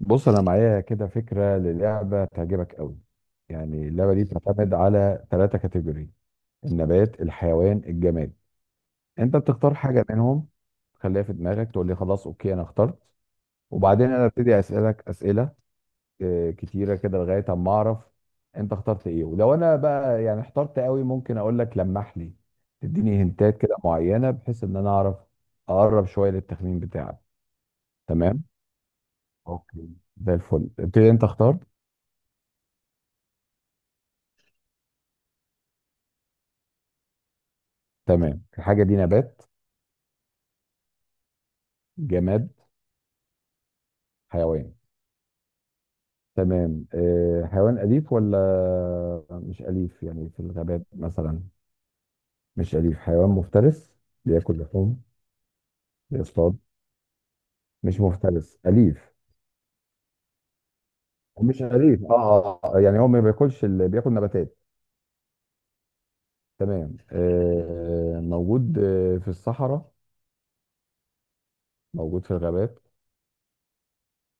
بص، انا معايا كده فكره للعبه تعجبك قوي. يعني اللعبه دي بتعتمد على 3 كاتيجوري: النبات، الحيوان، الجماد. انت بتختار حاجه منهم، تخليها في دماغك، تقول لي خلاص اوكي انا اخترت. وبعدين انا ابتدي اسالك اسئله كتيره كده لغايه اما اعرف انت اخترت ايه. ولو انا بقى يعني احترت قوي ممكن اقول لك لمح لي، تديني هنتات كده معينه بحيث ان انا اعرف اقرب شويه للتخمين بتاعك. تمام. اوكي. زي الفل، ابتدي انت اختار. تمام الحاجة دي نبات؟ جماد؟ حيوان؟ تمام، أه حيوان أليف ولا مش أليف؟ يعني في الغابات مثلا. مش أليف، حيوان مفترس؟ بياكل لحوم؟ بيصطاد؟ مش مفترس أليف؟ مش أليف اه يعني هو ما بياكلش بياكل نباتات. تمام، أه موجود في الصحراء؟ موجود في الغابات؟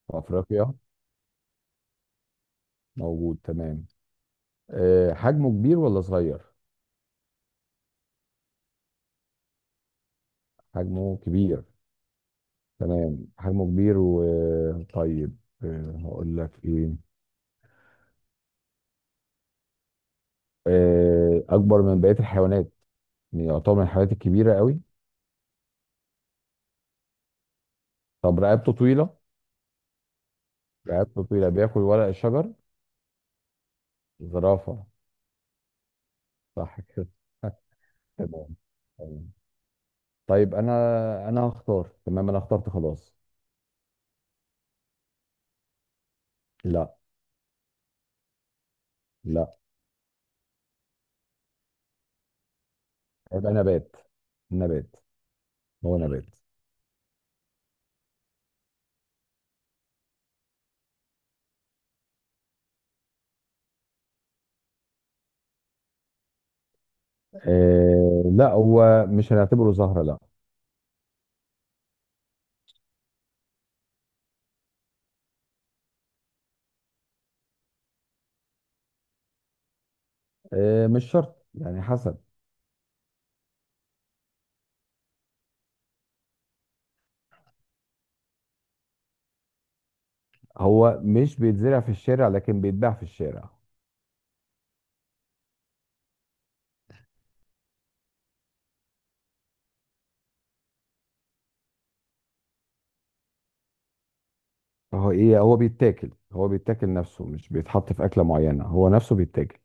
في أفريقيا؟ موجود. تمام، أه حجمه كبير ولا صغير؟ حجمه كبير. تمام، حجمه كبير وطيب. هقول لك ايه. اكبر من بقيه الحيوانات، يعتبر من الحيوانات الكبيره قوي. طب رقبته طويله؟ رقبته طويله، بياكل ورق الشجر، زرافه. صح كده؟ تمام. تمام. طيب انا هختار. تمام انا اخترت خلاص. لا. لا. هيبقى نبات. نبات. هو نبات. آه لا، هو مش هنعتبره زهرة، لا. آه مش شرط، يعني حسب. هو مش بيتزرع في الشارع، لكن بيتباع في الشارع. هو ايه، هو بيتاكل، نفسه مش بيتحط في اكله معينه، هو نفسه بيتاكل.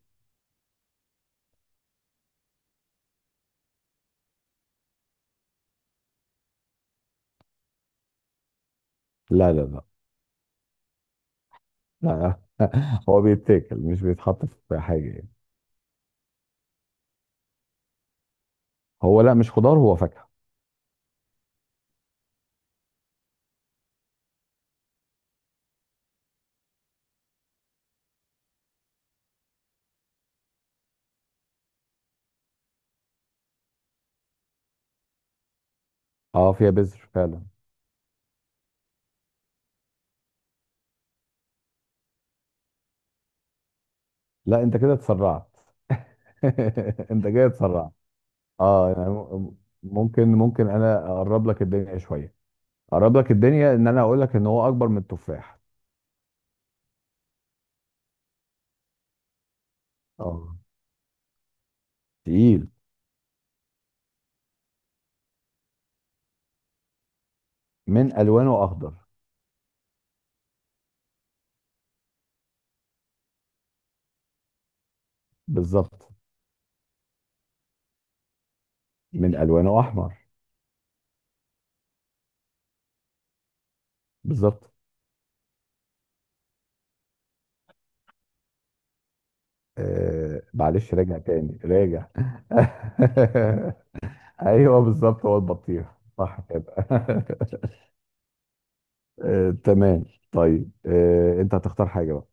لا لا لا. لا هو بيتاكل، مش بيتحط في حاجه يعني. هو لا مش خضار، هو فاكهه. اه فيها بذر فعلا. لا انت كده اتسرعت. انت جاي اتسرعت. اه يعني ممكن انا اقرب لك الدنيا شويه، اقرب لك الدنيا ان انا اقول لك ان هو اكبر من التفاح. اه تقيل. من الوانه اخضر. بالظبط. من الوانه احمر. بالظبط. آه معلش، راجع تاني راجع. ايوه بالظبط، هو البطيخ. صح كده. آه تمام. طيب آه، انت هتختار حاجه بقى.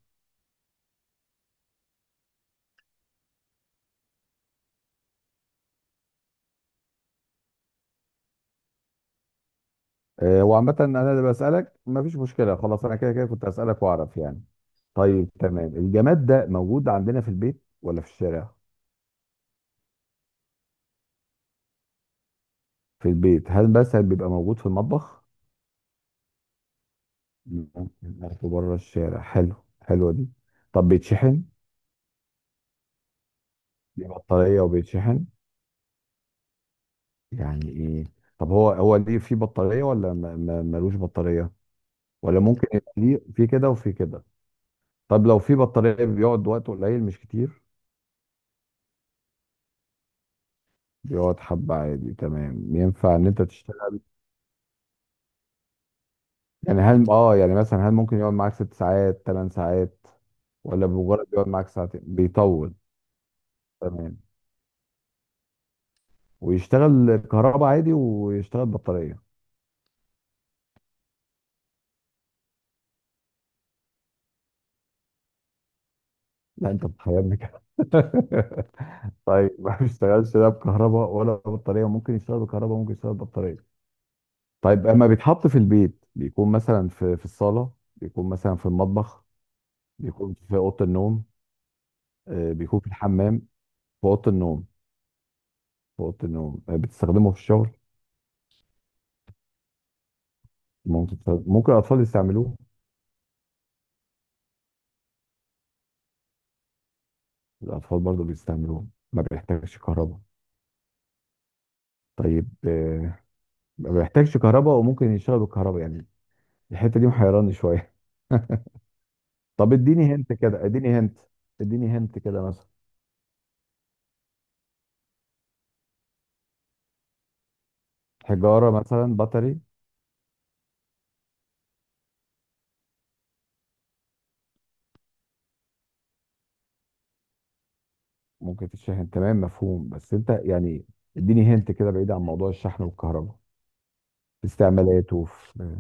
آه وعامه انا اللي بسالك، مفيش مشكله، خلاص انا كده كده كنت هسالك واعرف يعني. طيب تمام، الجماد ده موجود عندنا في البيت ولا في الشارع؟ في البيت، هل مثلا بيبقى موجود في المطبخ؟ ممكن ناخده بره الشارع، حلو. حلوه دي. طب بيتشحن؟ دي بطاريه وبيتشحن. يعني ايه؟ طب هو ليه في بطارية ولا ملوش بطارية؟ ولا ممكن يبقى ليه في كده وفي كده. طب لو في بطارية بيقعد وقت قليل مش كتير؟ بيقعد حبة عادي، تمام ينفع ان انت تشتغل. يعني هل اه يعني مثلا هل ممكن يقعد معاك 6 ساعات 8 ساعات؟ ولا بمجرد يقعد معاك ساعتين بيطول؟ تمام. ويشتغل كهرباء عادي ويشتغل بطارية. لا انت بتخيلني كده. طيب ما بيشتغلش لا بكهرباء ولا بطارية، ممكن يشتغل بكهرباء، ممكن يشتغل بطارية. طيب اما بيتحط في البيت بيكون مثلا في الصالة؟ بيكون مثلا في المطبخ؟ بيكون في أوضة النوم؟ بيكون في الحمام؟ في أوضة النوم. في أوضة النوم بتستخدمه في الشغل؟ ممكن الأطفال يستعملوه؟ الأطفال برضو بيستعملوه. ما بيحتاجش كهرباء. طيب ما بيحتاجش كهرباء وممكن يشتغل بالكهرباء يعني. الحتة دي محيراني شوية. طب اديني هنت كده، اديني هنت. اديني هنت كده مثلا، حجارة مثلا، بطري؟ ممكن تتشحن، تمام مفهوم، بس انت يعني اديني هنت كده بعيد عن موضوع الشحن والكهرباء. في استعمالاته، في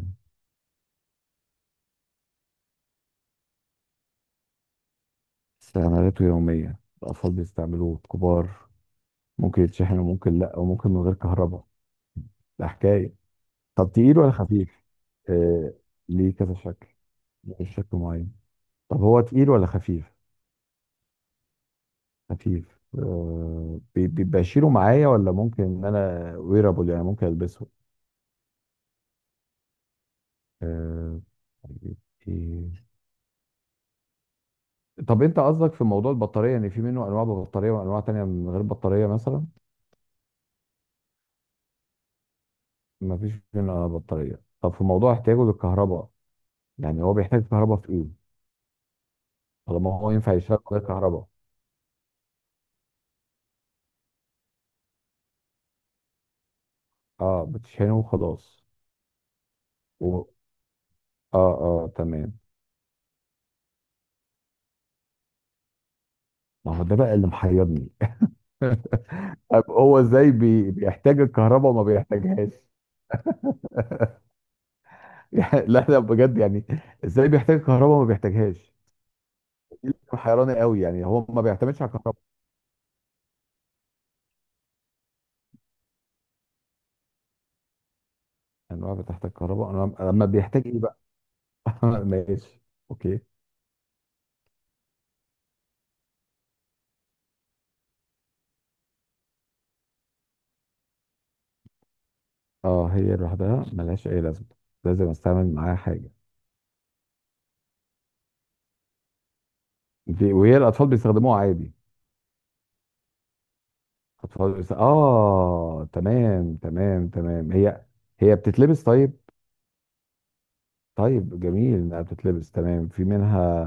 استعمالاته يومية، الأطفال بيستعملوه، الكبار. ممكن يتشحن وممكن لأ وممكن من غير كهرباء. ده حكاية. طب تقيل ولا خفيف؟ آه ليه كذا شكل، مش شكل معين. طب هو تقيل ولا خفيف؟ خفيف. آه بيبقى أشيله معايا ولا ممكن إن أنا ويرابل يعني ممكن ألبسه؟ آه. طيب، إيه؟ طب انت قصدك في موضوع البطارية، يعني في منه انواع ببطارية وانواع تانية من غير بطارية مثلا؟ ما فيش منها بطارية. طب في موضوع احتياجه للكهرباء، يعني هو بيحتاج كهرباء في ايه طالما هو ينفع يشتغل من غير كهرباء؟ اه بتشحنه وخلاص. و... اه تمام. ما هو ده بقى اللي محيرني. طب هو ازاي بيحتاج الكهرباء وما بيحتاجهاش؟ يعني لا لا بجد يعني، ازاي بيحتاج الكهرباء وما بيحتاجهاش؟ دي اللي محيراني قوي، يعني هو ما بيعتمدش على الكهرباء. انواع بتحتاج كهرباء، انواع لما بيحتاج ايه؟ ماشي. اوكي. اه هي لوحدها ملهاش اي لازمه، لازم استعمل معاها حاجه. دي وهي الاطفال بيستخدموها عادي. اه تمام تمام تمام، هي بتتلبس طيب. طيب جميل انها بتتلبس. تمام في منها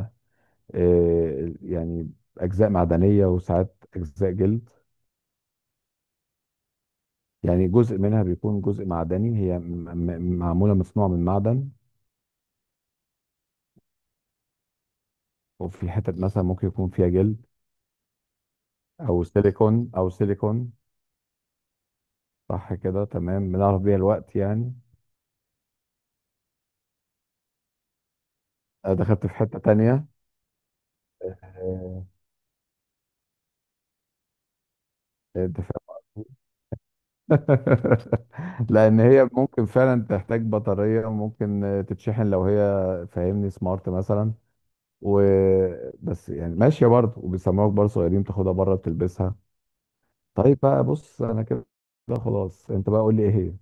آه يعني اجزاء معدنيه وساعات اجزاء جلد، يعني جزء منها بيكون جزء معدني، هي معموله مصنوعه من معدن. وفي حتت مثلا ممكن يكون فيها جلد او سيليكون. صح كده. تمام، بنعرف بيها الوقت يعني. أنا دخلت في حتة تانية. آه، أنت فاهم قصدي؟ لأن هي ممكن فعلا تحتاج بطارية وممكن تتشحن لو هي فاهمني سمارت مثلا، وبس يعني ماشية برضه وبيسموك برضه صغيرين تاخدها بره بتلبسها. طيب بقى، بص أنا كده خلاص، أنت بقى قول لي إيه هي؟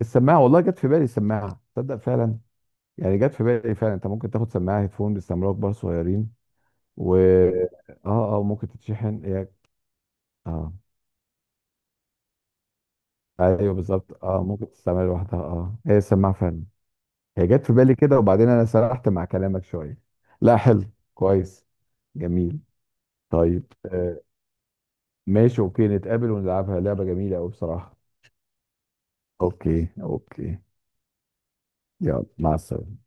السماعة. والله جت في بالي السماعة، تصدق فعلا. يعني جت في بالي فعلا، أنت ممكن تاخد سماعة هيدفون بيسموك برضه صغيرين. و اه ممكن تتشحن هي. اه ايوه بالظبط، اه ممكن تستعملها لوحدها. اه هي السماعه فعلا، هي جت في بالي كده وبعدين انا سرحت مع كلامك شويه. لا حلو، كويس، جميل. طيب آه، ماشي اوكي، نتقابل ونلعبها، لعبه جميله قوي بصراحه. اوكي. اوكي. يلا مع السلامه.